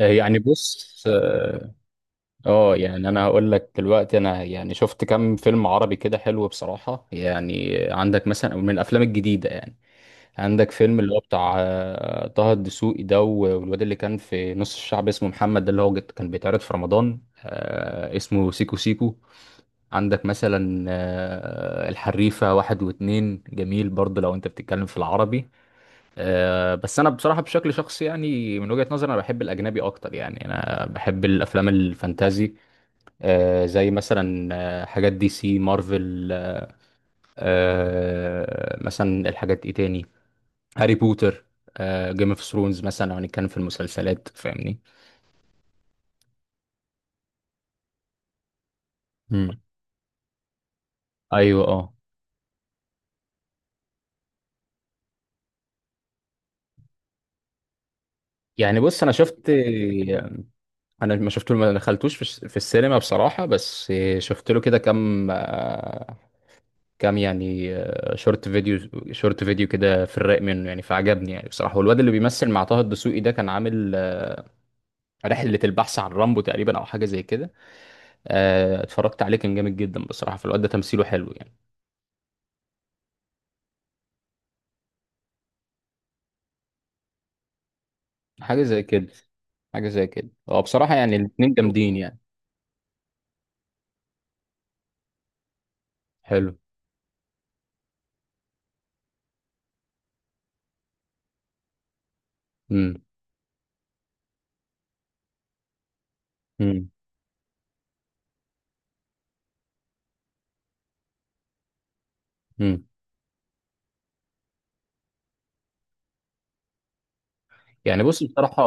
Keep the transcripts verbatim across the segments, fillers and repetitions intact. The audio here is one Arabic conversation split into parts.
آه، يعني بص اه آه، يعني انا هقول لك دلوقتي انا يعني شفت كام فيلم عربي كده حلو بصراحة. يعني عندك مثلا من الافلام الجديدة، يعني عندك فيلم اللي هو بتاع آه، طه الدسوقي ده، والواد اللي كان في نص الشعب اسمه محمد ده اللي هو جت- كان بيتعرض في رمضان، آه، اسمه سيكو سيكو. عندك مثلا آه، الحريفة واحد واتنين جميل برضه لو انت بتتكلم في العربي. آه، بس انا بصراحه بشكل شخصي، يعني من وجهه نظري، انا بحب الاجنبي اكتر. يعني انا بحب الافلام الفانتازي، آه، زي مثلا آه، حاجات دي سي، مارفل. آه، مثلا الحاجات ايه تاني؟ هاري بوتر، جيم اوف ثرونز، مثلا لو هنتكلم في المسلسلات، فاهمني. مم. ايوه، اه. يعني بص، انا شفت انا ما شفت، ما دخلتوش في الس- في السينما بصراحه، بس شفت له كده كام آه، كام يعني شورت فيديو. شورت فيديو كده في الرايق منه يعني، فعجبني يعني بصراحة. والواد اللي بيمثل مع طه الدسوقي ده كان عامل آه، رحلة البحث عن رامبو تقريبا، او حاجة زي كده. آه، اتفرجت عليه، كان جامد جدا بصراحة، فالواد ده تمثيله حلو يعني. حاجة زي كده، حاجة زي كده. هو بصراحة يعني الاتنين جامدين يعني. حلو. امم امم امم يعني بص، بصراحة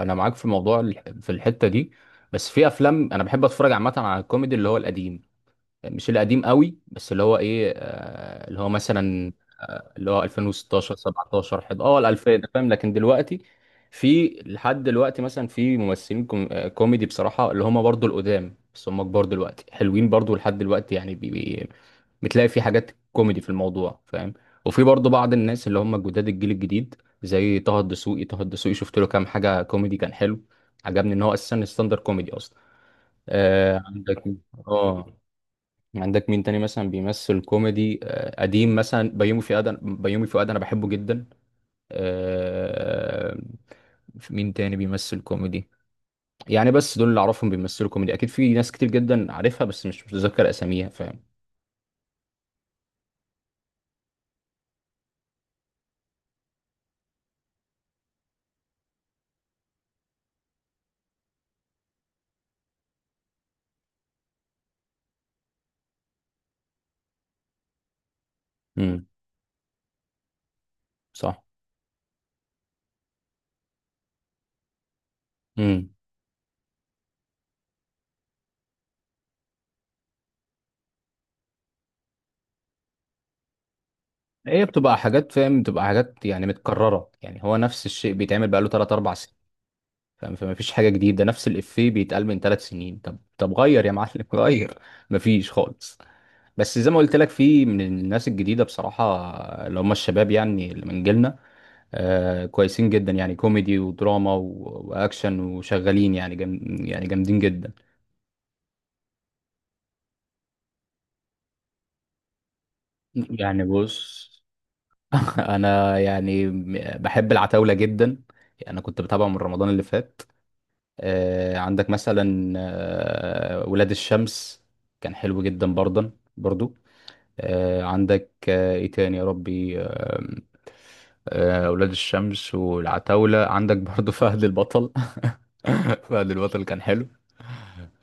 أنا معاك في موضوع الح- في الحتة دي، بس في أفلام أنا بحب أتفرج عامة على الكوميدي اللي هو القديم. مش القديم قوي، بس اللي هو إيه، آه، اللي هو مثلا، اللي هو ألفين وستاشر سبعتاشر حداشر اه ال ألفين ده، فاهم؟ لكن دلوقتي، في لحد دلوقتي مثلا في ممثلين كوم... آه، كوميدي بصراحة، اللي هم برضو القدام بس هم كبار دلوقتي، حلوين برضو لحد دلوقتي يعني بي... بي... بتلاقي في حاجات كوميدي في الموضوع، فاهم. وفي برضو بعض الناس اللي هم جداد، الجيل الجديد، زي طه الدسوقي طه الدسوقي شفت له كام حاجة كوميدي كان حلو. عجبني ان هو اساسا ستاندر كوميدي اصلا. آه عندك. اه. عندك مين تاني مثلا بيمثل كوميدي آه، قديم؟ مثلا بيومي فؤاد، بيومي فؤاد انا بحبه جدا. آه، في مين تاني بيمثل كوميدي؟ يعني بس دول اللي اعرفهم بيمثلوا كوميدي. اكيد في ناس كتير جدا عارفها، بس مش متذكر اساميها، فاهم. امم صح. امم هي بتبقى حاجات، فاهم، بتبقى حاجات يعني متكررة. يعني هو نفس الشيء بيتعمل بقاله ثلاث أربع سنين، فاهم. فما فيش حاجة جديدة، نفس الإفيه بيتقال من تلات سنين. طب طب غير يا معلم، غير. مفيش خالص. بس زي ما قلت لك، في من الناس الجديده بصراحه، اللي هم الشباب يعني، اللي من جيلنا. آه كويسين جدا يعني، كوميدي ودراما و- واكشن، وشغالين يعني، جم يعني جامدين جدا. يعني بص. انا يعني م- بحب العتاوله جدا. يعني انا كنت بتابعه من رمضان اللي فات. آه عندك مثلا آه ولاد الشمس، كان حلو جدا برضه، برضو. آه عندك آه ايه تاني يا ربي؟ آه، اولاد الشمس والعتاولة. عندك برضو فهد البطل. فهد البطل كان حلو.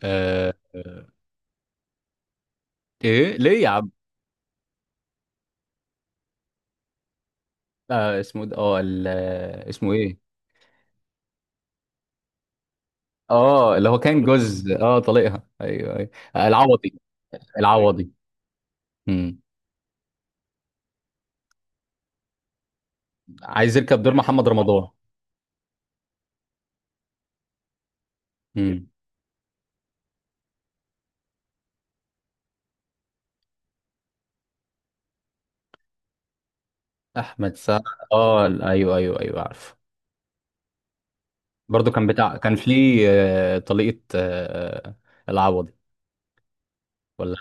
آه، آه، ايه ليه يا عم؟ آه، اسمه ده، اه ال- آه، اسمه ايه؟ اه، اللي هو كان جوز، اه طليقها، ايوه ايوه. آه، العوضي. العوضي. مم. عايز يركب دور محمد رمضان. مم. احمد سعد. اه ايوه ايوه ايوه، عارف. برضو كان بتاع، كان في آه، طليقة آه، العوضي ولا.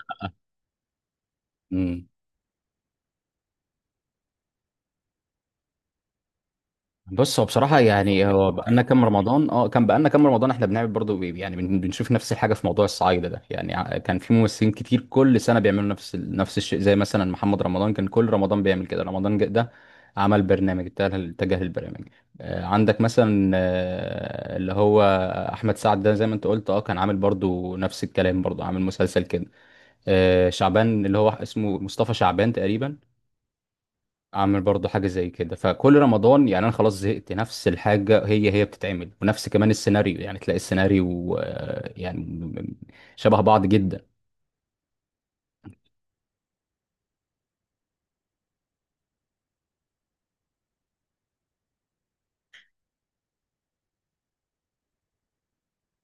مم. بص، هو بصراحة يعني هو بقالنا كام رمضان اه كان بقالنا كام رمضان احنا بنعمل برضه بي- يعني بن- بنشوف نفس الحاجة في موضوع الصعايدة ده. يعني ع- كان في ممثلين كتير كل سنة بيعملوا نفس ال- نفس الشيء. زي مثلا محمد رمضان كان كل رمضان بيعمل كده رمضان جه- ده. عمل برنامج، اتجه اتجه للبرنامج. آه، عندك مثلا آه، اللي هو احمد سعد ده، زي ما انت قلت، اه كان عامل برضه نفس الكلام، برضه عامل مسلسل كده. آه، شعبان اللي هو اسمه مصطفى شعبان تقريبا، اعمل برضو حاجه زي كده. فكل رمضان يعني انا خلاص زهقت، نفس الحاجه هي هي بتتعمل، ونفس كمان السيناريو. يعني تلاقي السيناريو آه، يعني م- م- شبه بعض جدا.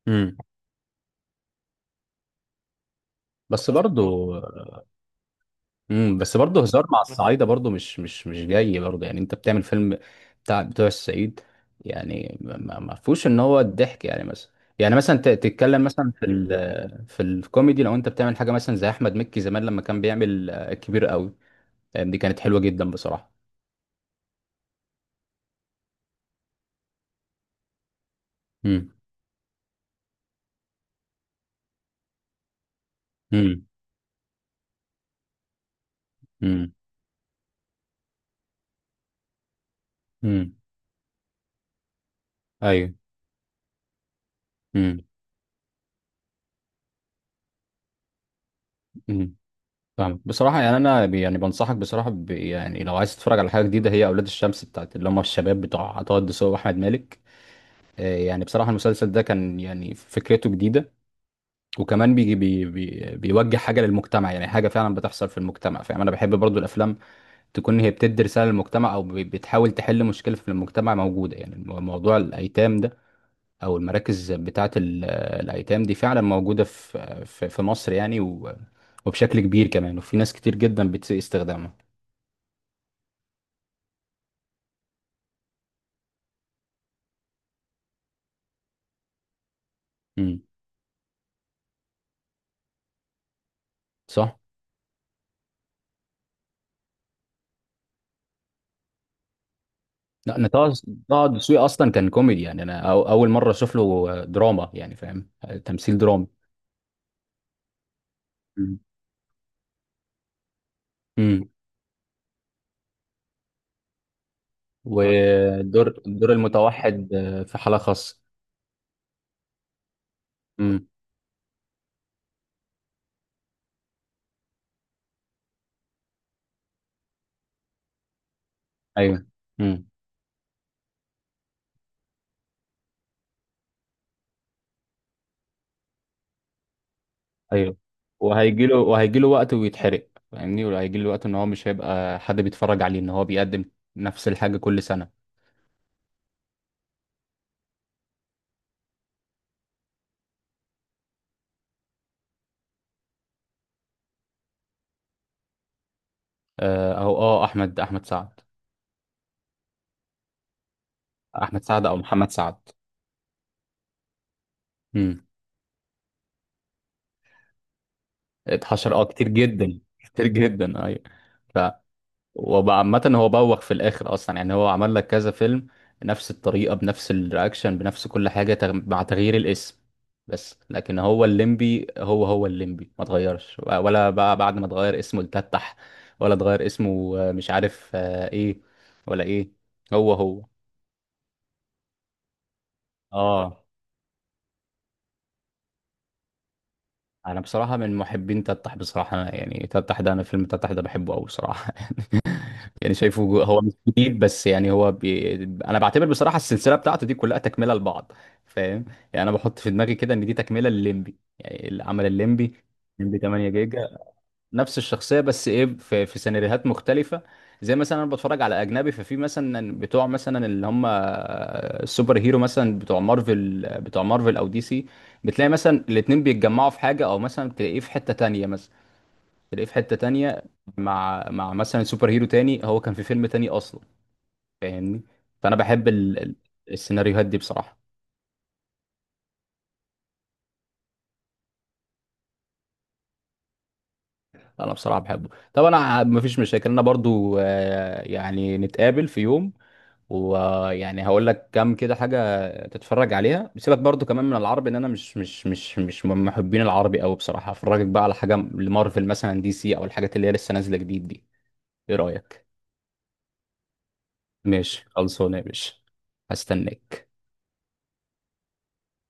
امم بس برضو امم بس برضو هزار مع الصعايده برضو مش مش مش جاي برضو. يعني انت بتعمل فيلم بتاع بتوع الصعيد، يعني ما ما- ما فيهوش ان هو الضحك يعني، مثلا. يعني مثلا ت- تتكلم مثلا في ال في الكوميدي. لو انت بتعمل حاجه مثلا زي احمد مكي زمان، لما كان بيعمل آه، كبير قوي، آه، دي كانت حلوه جدا بصراحه. امم امم امم ايوه. امم امم فاهمك بصراحه، يعني انا ب- يعني بنصحك بصراحه، ب يعني لو عايز تتفرج على حاجه جديده، هي اولاد الشمس بتاعت اللي هم الشباب بتوع عطاء الدسوقي واحمد مالك. آه، يعني بصراحه المسلسل ده كان يعني فكرته جديده، وكمان بيجي بي بي بيوجه حاجه للمجتمع. يعني حاجه فعلا بتحصل في المجتمع، فاهم. انا بحب برضو الافلام تكون هي بتدي رساله للمجتمع، او ب- بتحاول تحل مشكله في المجتمع موجوده. يعني المو- موضوع الايتام ده، او المراكز بتاعه ال- الايتام دي، فعلا موجوده في في في مصر يعني، و- وبشكل كبير كمان، وفي ناس كتير جدا بتسيء استخدامها. امم صح. لا، انا طه طه دسوقي اصلا كان كوميدي، يعني انا أو- اول مره اشوف له دراما يعني، فاهم، تمثيل درامي. امم أمم. ودور الدور المتوحد، في حاله خاصه. امم ايوه. امم ايوه. وهيجي له وهيجي له وقت ويتحرق، فاهمني. وهيجي له وقت ان هو مش هيبقى حد بيتفرج عليه، ان هو بيقدم نفس الحاجه كل سنه. آه، او اه احمد احمد سعد. احمد سعد او محمد سعد. امم اتحشر اه كتير جدا كتير جدا، ايوه. ف وبقى عامة هو بوخ في الاخر اصلا. يعني هو عمل لك كذا فيلم نفس الطريقة، بنفس الرياكشن، بنفس كل حاجة، تغ... مع تغيير الاسم. بس لكن هو الليمبي، هو هو الليمبي ما اتغيرش، ولا بقى بعد ما اتغير اسمه لتتح، ولا اتغير اسمه آه، مش عارف آه، ايه، ولا ايه؟ هو هو. اه. انا بصراحه من محبين تتح بصراحه. يعني تتح ده، انا فيلم تتح ده بحبه قوي بصراحه. يعني شايفه جو- هو مش جديد، بس يعني هو بي... انا بعتبر بصراحه السلسله بتاعته دي كلها تكمله لبعض، فاهم. يعني انا بحط في دماغي كده ان دي تكمله لليمبي. يعني اللي عمل الليمبي، الليمبي تمنية جيجا، نفس الشخصيه بس ايه، في في سيناريوهات مختلفه. زي مثلا انا بتفرج على اجنبي، ففي مثلا بتوع مثلا اللي هم السوبر هيرو، مثلا بتوع مارفل بتوع مارفل او دي سي، بتلاقي مثلا الاتنين بيتجمعوا في حاجه، او مثلا تلاقيه في حته تانية. مثلا تلاقيه في حته تانية مع مع مثلا سوبر هيرو تاني، هو كان في فيلم تاني اصلا، فاهمني. فانا بحب ال... ال- السيناريوهات دي بصراحه. انا بصراحه بحبه، طب انا مفيش مشاكل، انا برضو آه، يعني نتقابل في يوم، ويعني هقول لك كام كده حاجه تتفرج عليها. سيبك برضو كمان من العربي، ان انا مش مش مش مش من محبين العربي قوي بصراحه. هفرجك بقى على حاجه لمارفل مثلا، دي سي، او الحاجات اللي هي لسه نازله جديد دي. ايه رايك؟ ماشي، خلصانه يا باشا. هستناك.